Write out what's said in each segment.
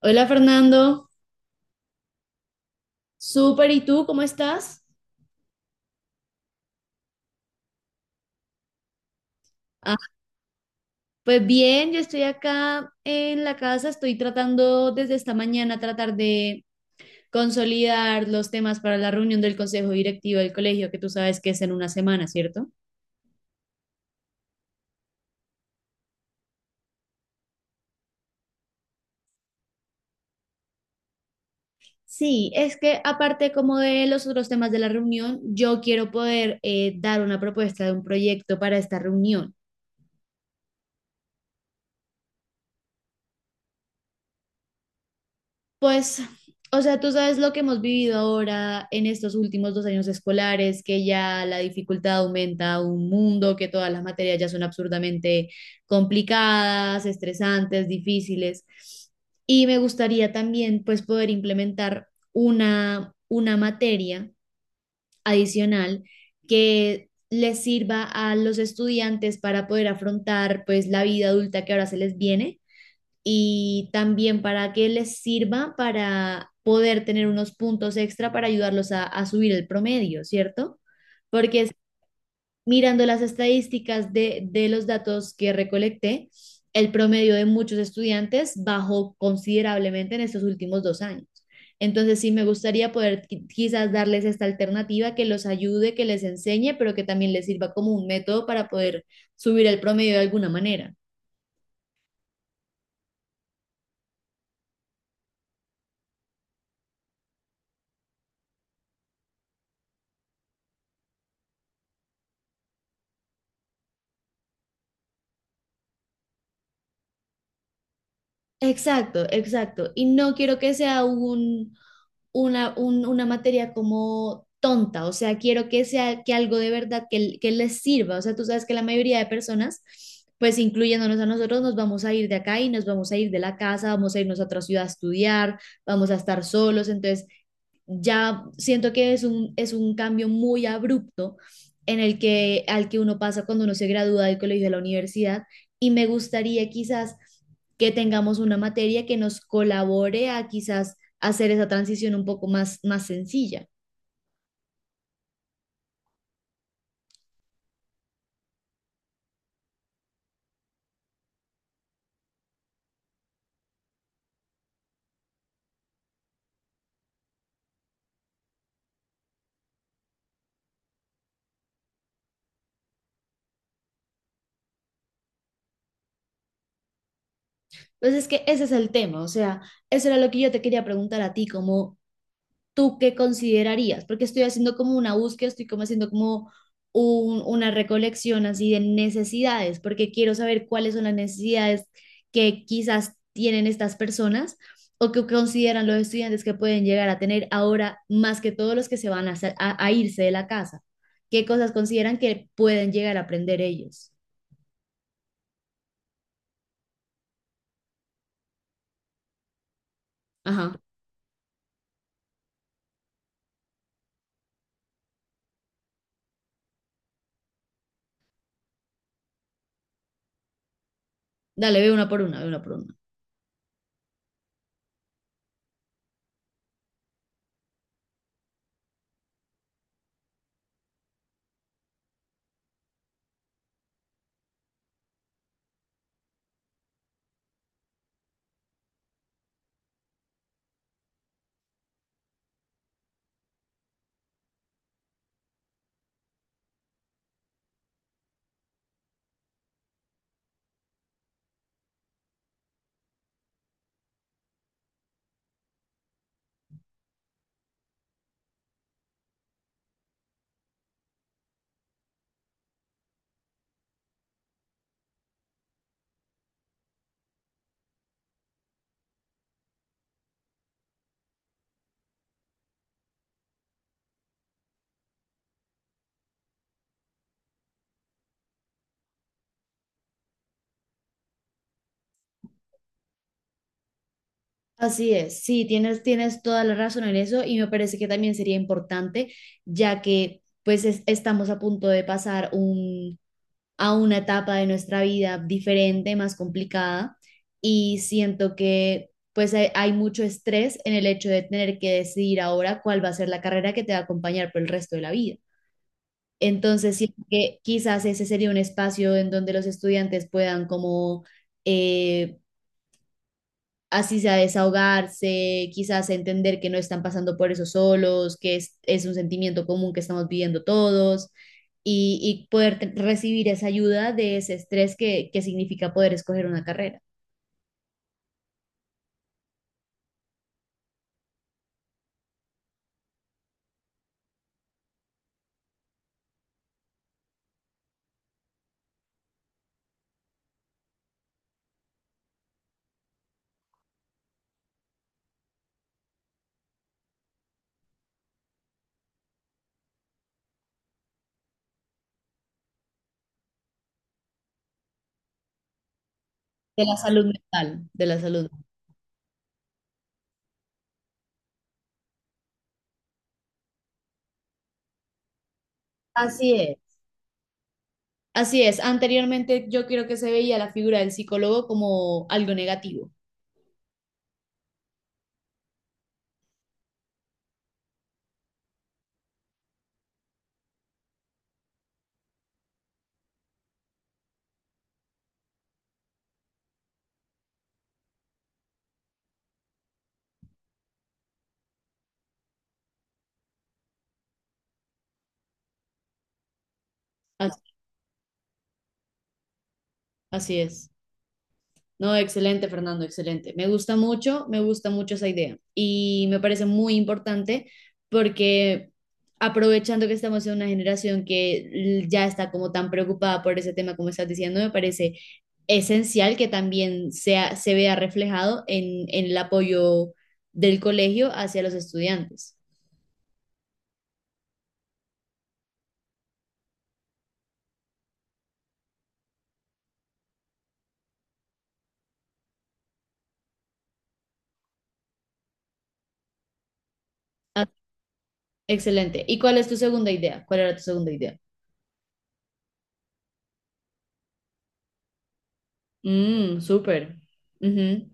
Hola Fernando, súper, ¿y tú cómo estás? Ah, pues bien, yo estoy acá en la casa, estoy tratando desde esta mañana tratar de consolidar los temas para la reunión del consejo directivo del colegio, que tú sabes que es en una semana, ¿cierto? Sí, es que aparte como de los otros temas de la reunión, yo quiero poder dar una propuesta de un proyecto para esta reunión. Pues, o sea, tú sabes lo que hemos vivido ahora en estos últimos dos años escolares, que ya la dificultad aumenta un mundo, que todas las materias ya son absurdamente complicadas, estresantes, difíciles. Y me gustaría también, pues, poder implementar una materia adicional que les sirva a los estudiantes para poder afrontar, pues, la vida adulta que ahora se les viene y también para que les sirva para poder tener unos puntos extra para ayudarlos a subir el promedio, ¿cierto? Porque es- Mirando las estadísticas de los datos que recolecté, el promedio de muchos estudiantes bajó considerablemente en estos últimos dos años. Entonces, sí, me gustaría poder quizás darles esta alternativa que los ayude, que les enseñe, pero que también les sirva como un método para poder subir el promedio de alguna manera. Exacto, exacto. Y no quiero que sea una materia como tonta, o sea, quiero que sea que algo de verdad que les sirva. O sea, tú sabes que la mayoría de personas, pues incluyéndonos a nosotros, nos vamos a ir de acá y nos vamos a ir de la casa, vamos a irnos a otra ciudad a estudiar, vamos a estar solos. Entonces, ya siento que es un cambio muy abrupto al que uno pasa cuando uno se gradúa del colegio a la universidad y me gustaría quizás que tengamos una materia que nos colabore a quizás hacer esa transición un poco más, más sencilla. Entonces es que ese es el tema, o sea, eso era lo que yo te quería preguntar a ti, como ¿tú qué considerarías? Porque estoy haciendo como una búsqueda, estoy como haciendo como una recolección así de necesidades, porque quiero saber cuáles son las necesidades que quizás tienen estas personas o que consideran los estudiantes que pueden llegar a tener ahora más que todos los que se van a irse de la casa. ¿Qué cosas consideran que pueden llegar a aprender ellos? Ajá. Dale, ve una por una, ve una por una. Así es, sí, tienes toda la razón en eso y me parece que también sería importante, ya que pues estamos a punto de pasar a una etapa de nuestra vida diferente, más complicada, y siento que pues hay mucho estrés en el hecho de tener que decidir ahora cuál va a ser la carrera que te va a acompañar por el resto de la vida. Entonces, siento que quizás ese sería un espacio en donde los estudiantes puedan como… eh, así sea desahogarse, quizás entender que no están pasando por eso solos, es un sentimiento común que estamos viviendo todos y poder recibir esa ayuda de ese estrés que significa poder escoger una carrera, de la salud mental, de la salud. Así es. Así es, anteriormente yo creo que se veía la figura del psicólogo como algo negativo. As- Así es. No, excelente, Fernando, excelente. Me gusta mucho esa idea y me parece muy importante porque aprovechando que estamos en una generación que ya está como tan preocupada por ese tema como estás diciendo, me parece esencial que también se vea reflejado en el apoyo del colegio hacia los estudiantes. Ah, excelente. ¿Y cuál es tu segunda idea? ¿Cuál era tu segunda idea? Mm, súper. Ujú.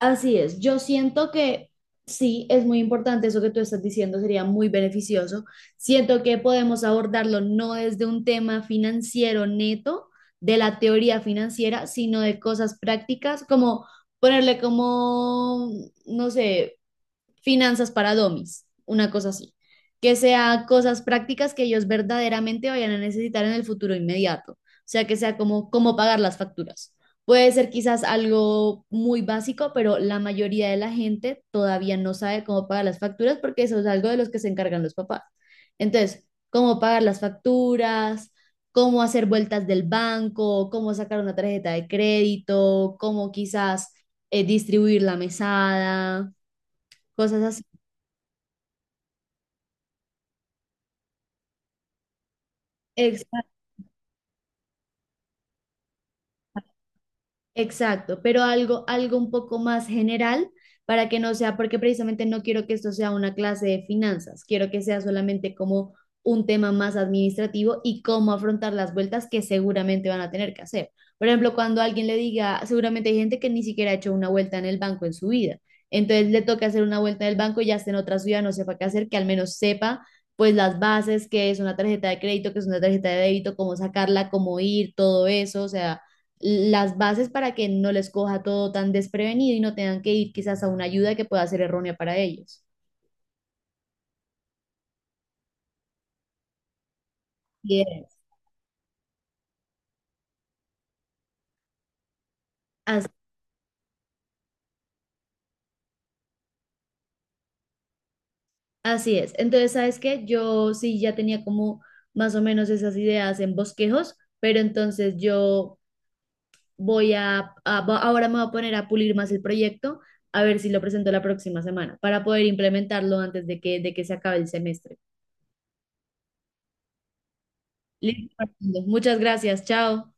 Así es, yo siento que sí, es muy importante eso que tú estás diciendo, sería muy beneficioso. Siento que podemos abordarlo no desde un tema financiero neto, de la teoría financiera, sino de cosas prácticas, como ponerle como, no sé, finanzas para domis, una cosa así, que sea cosas prácticas que ellos verdaderamente vayan a necesitar en el futuro inmediato, o sea, que sea como cómo pagar las facturas. Puede ser quizás algo muy básico, pero la mayoría de la gente todavía no sabe cómo pagar las facturas porque eso es algo de los que se encargan los papás. Entonces, cómo pagar las facturas, cómo hacer vueltas del banco, cómo sacar una tarjeta de crédito, cómo quizás distribuir la mesada, cosas así. Exacto, exacto, pero algo, algo un poco más general para que no sea, porque precisamente no quiero que esto sea una clase de finanzas, quiero que sea solamente como un tema más administrativo y cómo afrontar las vueltas que seguramente van a tener que hacer. Por ejemplo, cuando alguien le diga, seguramente hay gente que ni siquiera ha hecho una vuelta en el banco en su vida, entonces le toca hacer una vuelta en el banco y ya esté en otra ciudad, no sepa qué hacer, que al menos sepa pues las bases, qué es una tarjeta de crédito, qué es una tarjeta de débito, cómo sacarla, cómo ir, todo eso, o sea las bases para que no les coja todo tan desprevenido y no tengan que ir quizás a una ayuda que pueda ser errónea para ellos. Bien. As- Así es. Entonces, ¿sabes qué? Yo sí ya tenía como más o menos esas ideas en bosquejos, pero entonces yo voy ahora me voy a poner a pulir más el proyecto, a ver si lo presento la próxima semana, para poder implementarlo antes de que se acabe el semestre. Listo, Fernando. Muchas gracias. Chao.